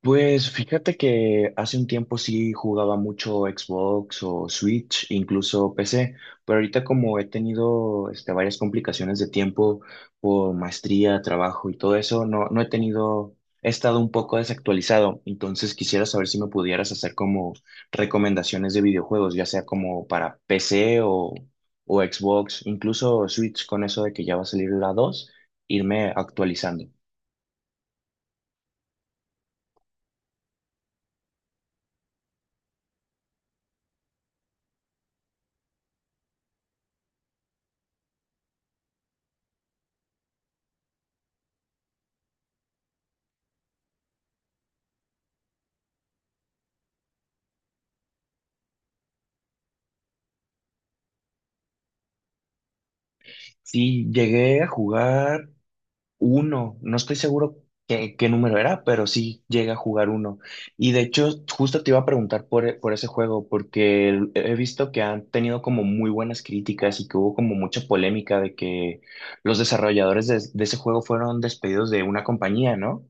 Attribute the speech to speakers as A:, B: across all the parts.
A: Pues fíjate que hace un tiempo sí jugaba mucho Xbox o Switch, incluso PC, pero ahorita como he tenido varias complicaciones de tiempo por maestría, trabajo y todo eso, no, no he tenido, he estado un poco desactualizado. Entonces quisiera saber si me pudieras hacer como recomendaciones de videojuegos, ya sea como para PC o Xbox, incluso Switch con eso de que ya va a salir la 2, irme actualizando. Sí, llegué a jugar uno, no estoy seguro qué número era, pero sí llega a jugar uno. Y de hecho, justo te iba a preguntar por, por ese juego, porque he visto que han tenido como muy buenas críticas y que hubo como mucha polémica de que los desarrolladores de ese juego fueron despedidos de una compañía, ¿no?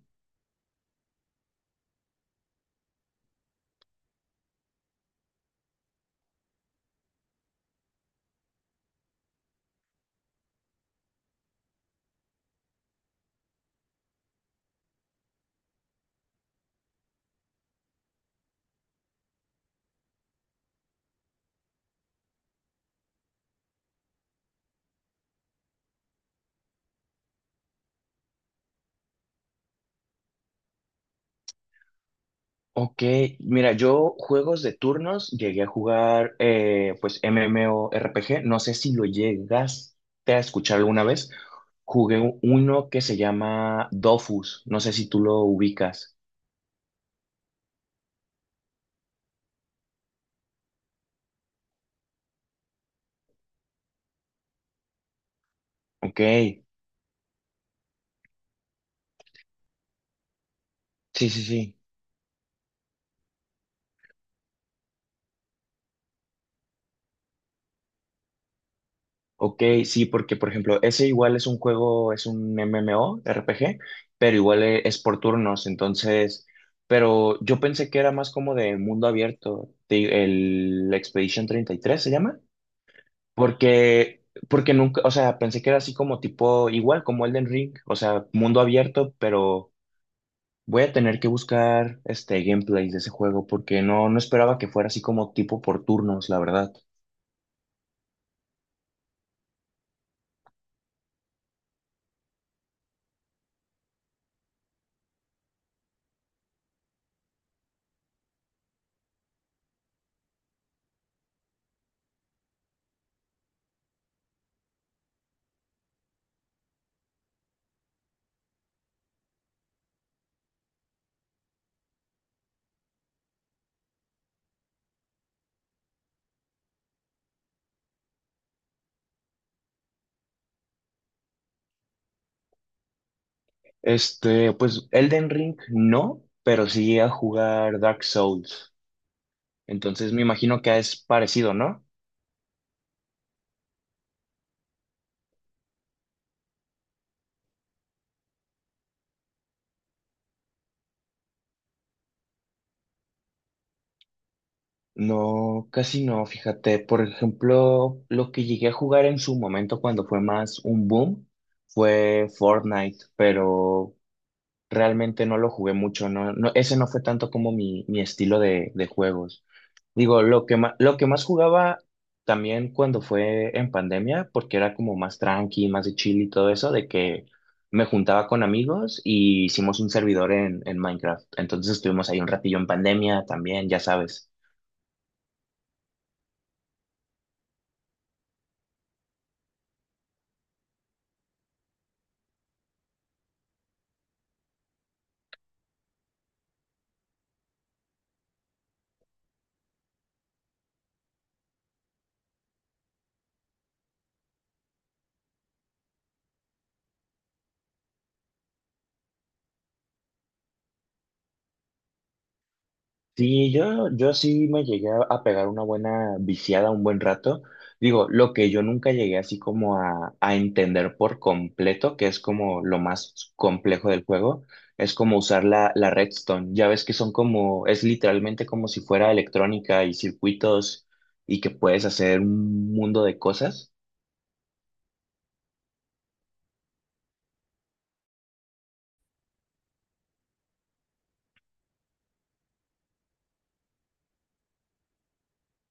A: Ok, mira, yo juegos de turnos llegué a jugar pues MMORPG, no sé si lo llegaste a escuchar alguna vez. Jugué uno que se llama Dofus, no sé si tú lo ubicas. Ok, sí, sí, sí. Ok, sí, porque por ejemplo, ese igual es un juego, es un MMORPG, pero igual es por turnos, entonces, pero yo pensé que era más como de mundo abierto, el Expedition 33 se llama. Porque, porque nunca, o sea, pensé que era así como tipo, igual como Elden Ring, o sea, mundo abierto, pero voy a tener que buscar este gameplay de ese juego porque no, no esperaba que fuera así como tipo por turnos, la verdad. Este, pues Elden Ring no, pero sí a jugar Dark Souls. Entonces me imagino que es parecido, ¿no? No, casi no, fíjate. Por ejemplo, lo que llegué a jugar en su momento cuando fue más un boom fue Fortnite, pero realmente no lo jugué mucho. No, no, ese no fue tanto como mi estilo de juegos. Digo, lo que más jugaba también cuando fue en pandemia, porque era como más tranqui, más de chill y todo eso, de que me juntaba con amigos y hicimos un servidor en Minecraft. Entonces estuvimos ahí un ratillo en pandemia también, ya sabes. Sí, yo sí me llegué a pegar una buena viciada un buen rato. Digo, lo que yo nunca llegué así como a entender por completo, que es como lo más complejo del juego, es como usar la redstone. Ya ves que son como, es literalmente como si fuera electrónica y circuitos y que puedes hacer un mundo de cosas.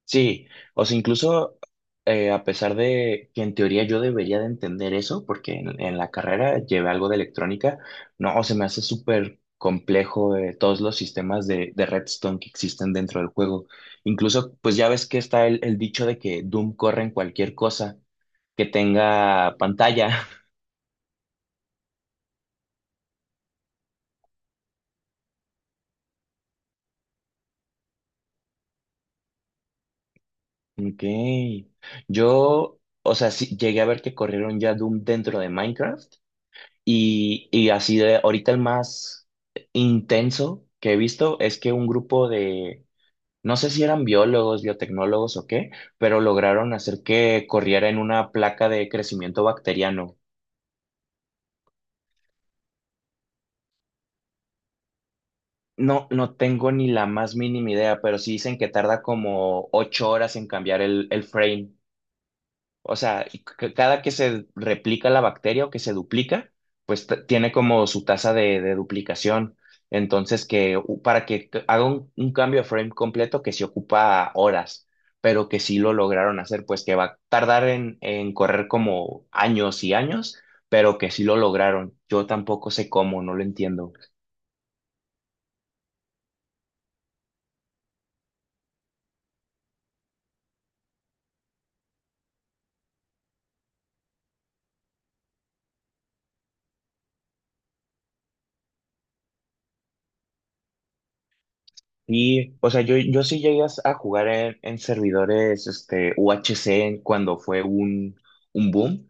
A: Sí, o sea, incluso a pesar de que en teoría yo debería de entender eso, porque en la carrera llevé algo de electrónica. No, se me hace súper complejo todos los sistemas de Redstone que existen dentro del juego. Incluso, pues ya ves que está el dicho de que Doom corre en cualquier cosa que tenga pantalla. Ok, yo, o sea, sí, llegué a ver que corrieron ya Doom dentro de Minecraft. Y así de ahorita el más intenso que he visto es que un grupo de, no sé si eran biólogos, biotecnólogos o qué, pero lograron hacer que corriera en una placa de crecimiento bacteriano. No, no tengo ni la más mínima idea, pero sí dicen que tarda como 8 horas en cambiar el frame. O sea, y cada que se replica la bacteria o que se duplica, pues tiene como su tasa de duplicación. Entonces, que para que haga un cambio de frame completo que se ocupa horas, pero que sí lo lograron hacer, pues que va a tardar en correr como años y años, pero que sí lo lograron. Yo tampoco sé cómo, no lo entiendo. Y, o sea, yo sí llegué a jugar en servidores UHC cuando fue un boom.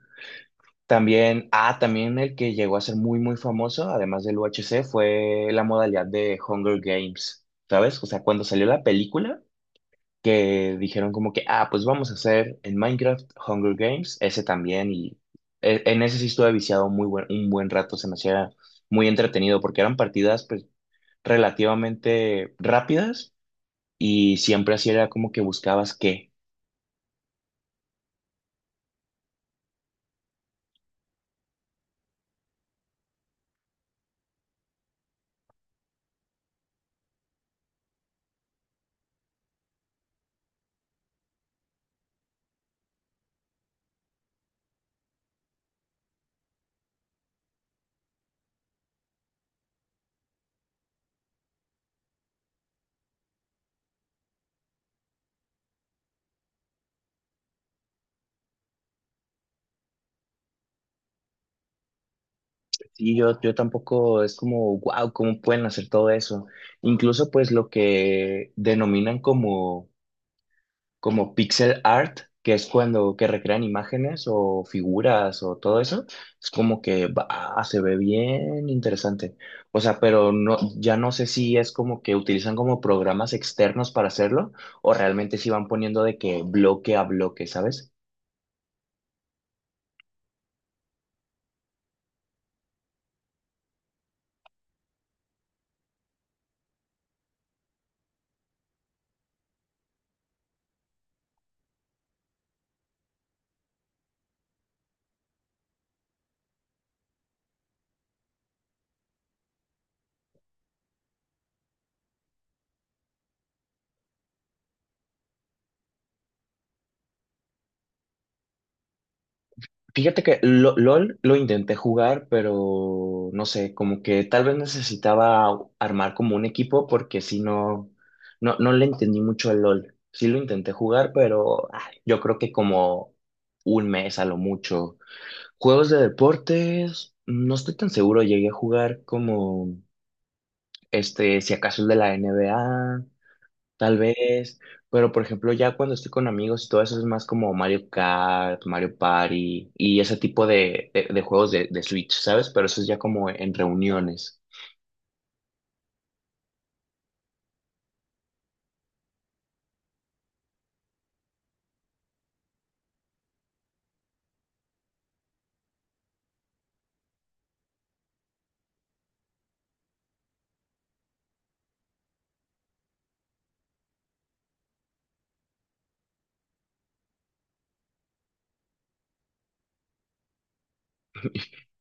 A: También, ah, también el que llegó a ser muy, muy famoso, además del UHC, fue la modalidad de Hunger Games, ¿sabes? O sea, cuando salió la película, que dijeron como que, ah, pues vamos a hacer en Minecraft Hunger Games, ese también. Y en ese sí estuve viciado muy buen, un buen rato, se me hacía muy entretenido, porque eran partidas, pues, relativamente rápidas, y siempre así era como que buscabas qué. Sí, yo tampoco es como, wow, ¿cómo pueden hacer todo eso? Incluso pues lo que denominan como, como pixel art, que es cuando que recrean imágenes o figuras o todo eso, es como que va, se ve bien interesante. O sea, pero no, ya no sé si es como que utilizan como programas externos para hacerlo o realmente si van poniendo de que bloque a bloque, ¿sabes? Fíjate que LOL lo intenté jugar, pero no sé, como que tal vez necesitaba armar como un equipo porque si no, no, no le entendí mucho al LOL. Sí lo intenté jugar, pero ay, yo creo que como un mes a lo mucho. Juegos de deportes, no estoy tan seguro, llegué a jugar como si acaso el de la NBA tal vez, pero por ejemplo, ya cuando estoy con amigos y todo eso es más como Mario Kart, Mario Party y ese tipo de juegos de Switch, ¿sabes? Pero eso es ya como en reuniones.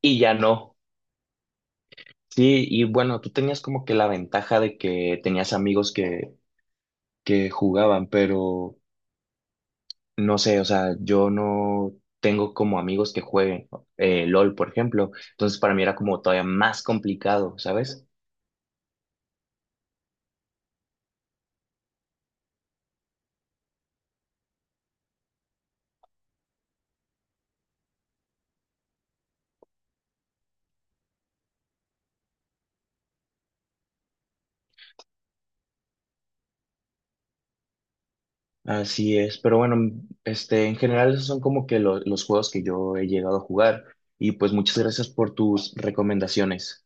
A: Y ya no. Sí, y bueno, tú tenías como que la ventaja de que tenías amigos que jugaban, pero no sé, o sea, yo no tengo como amigos que jueguen LOL, por ejemplo. Entonces para mí era como todavía más complicado, ¿sabes? Así es, pero bueno, este, en general esos son como que los juegos que yo he llegado a jugar y pues muchas gracias por tus recomendaciones.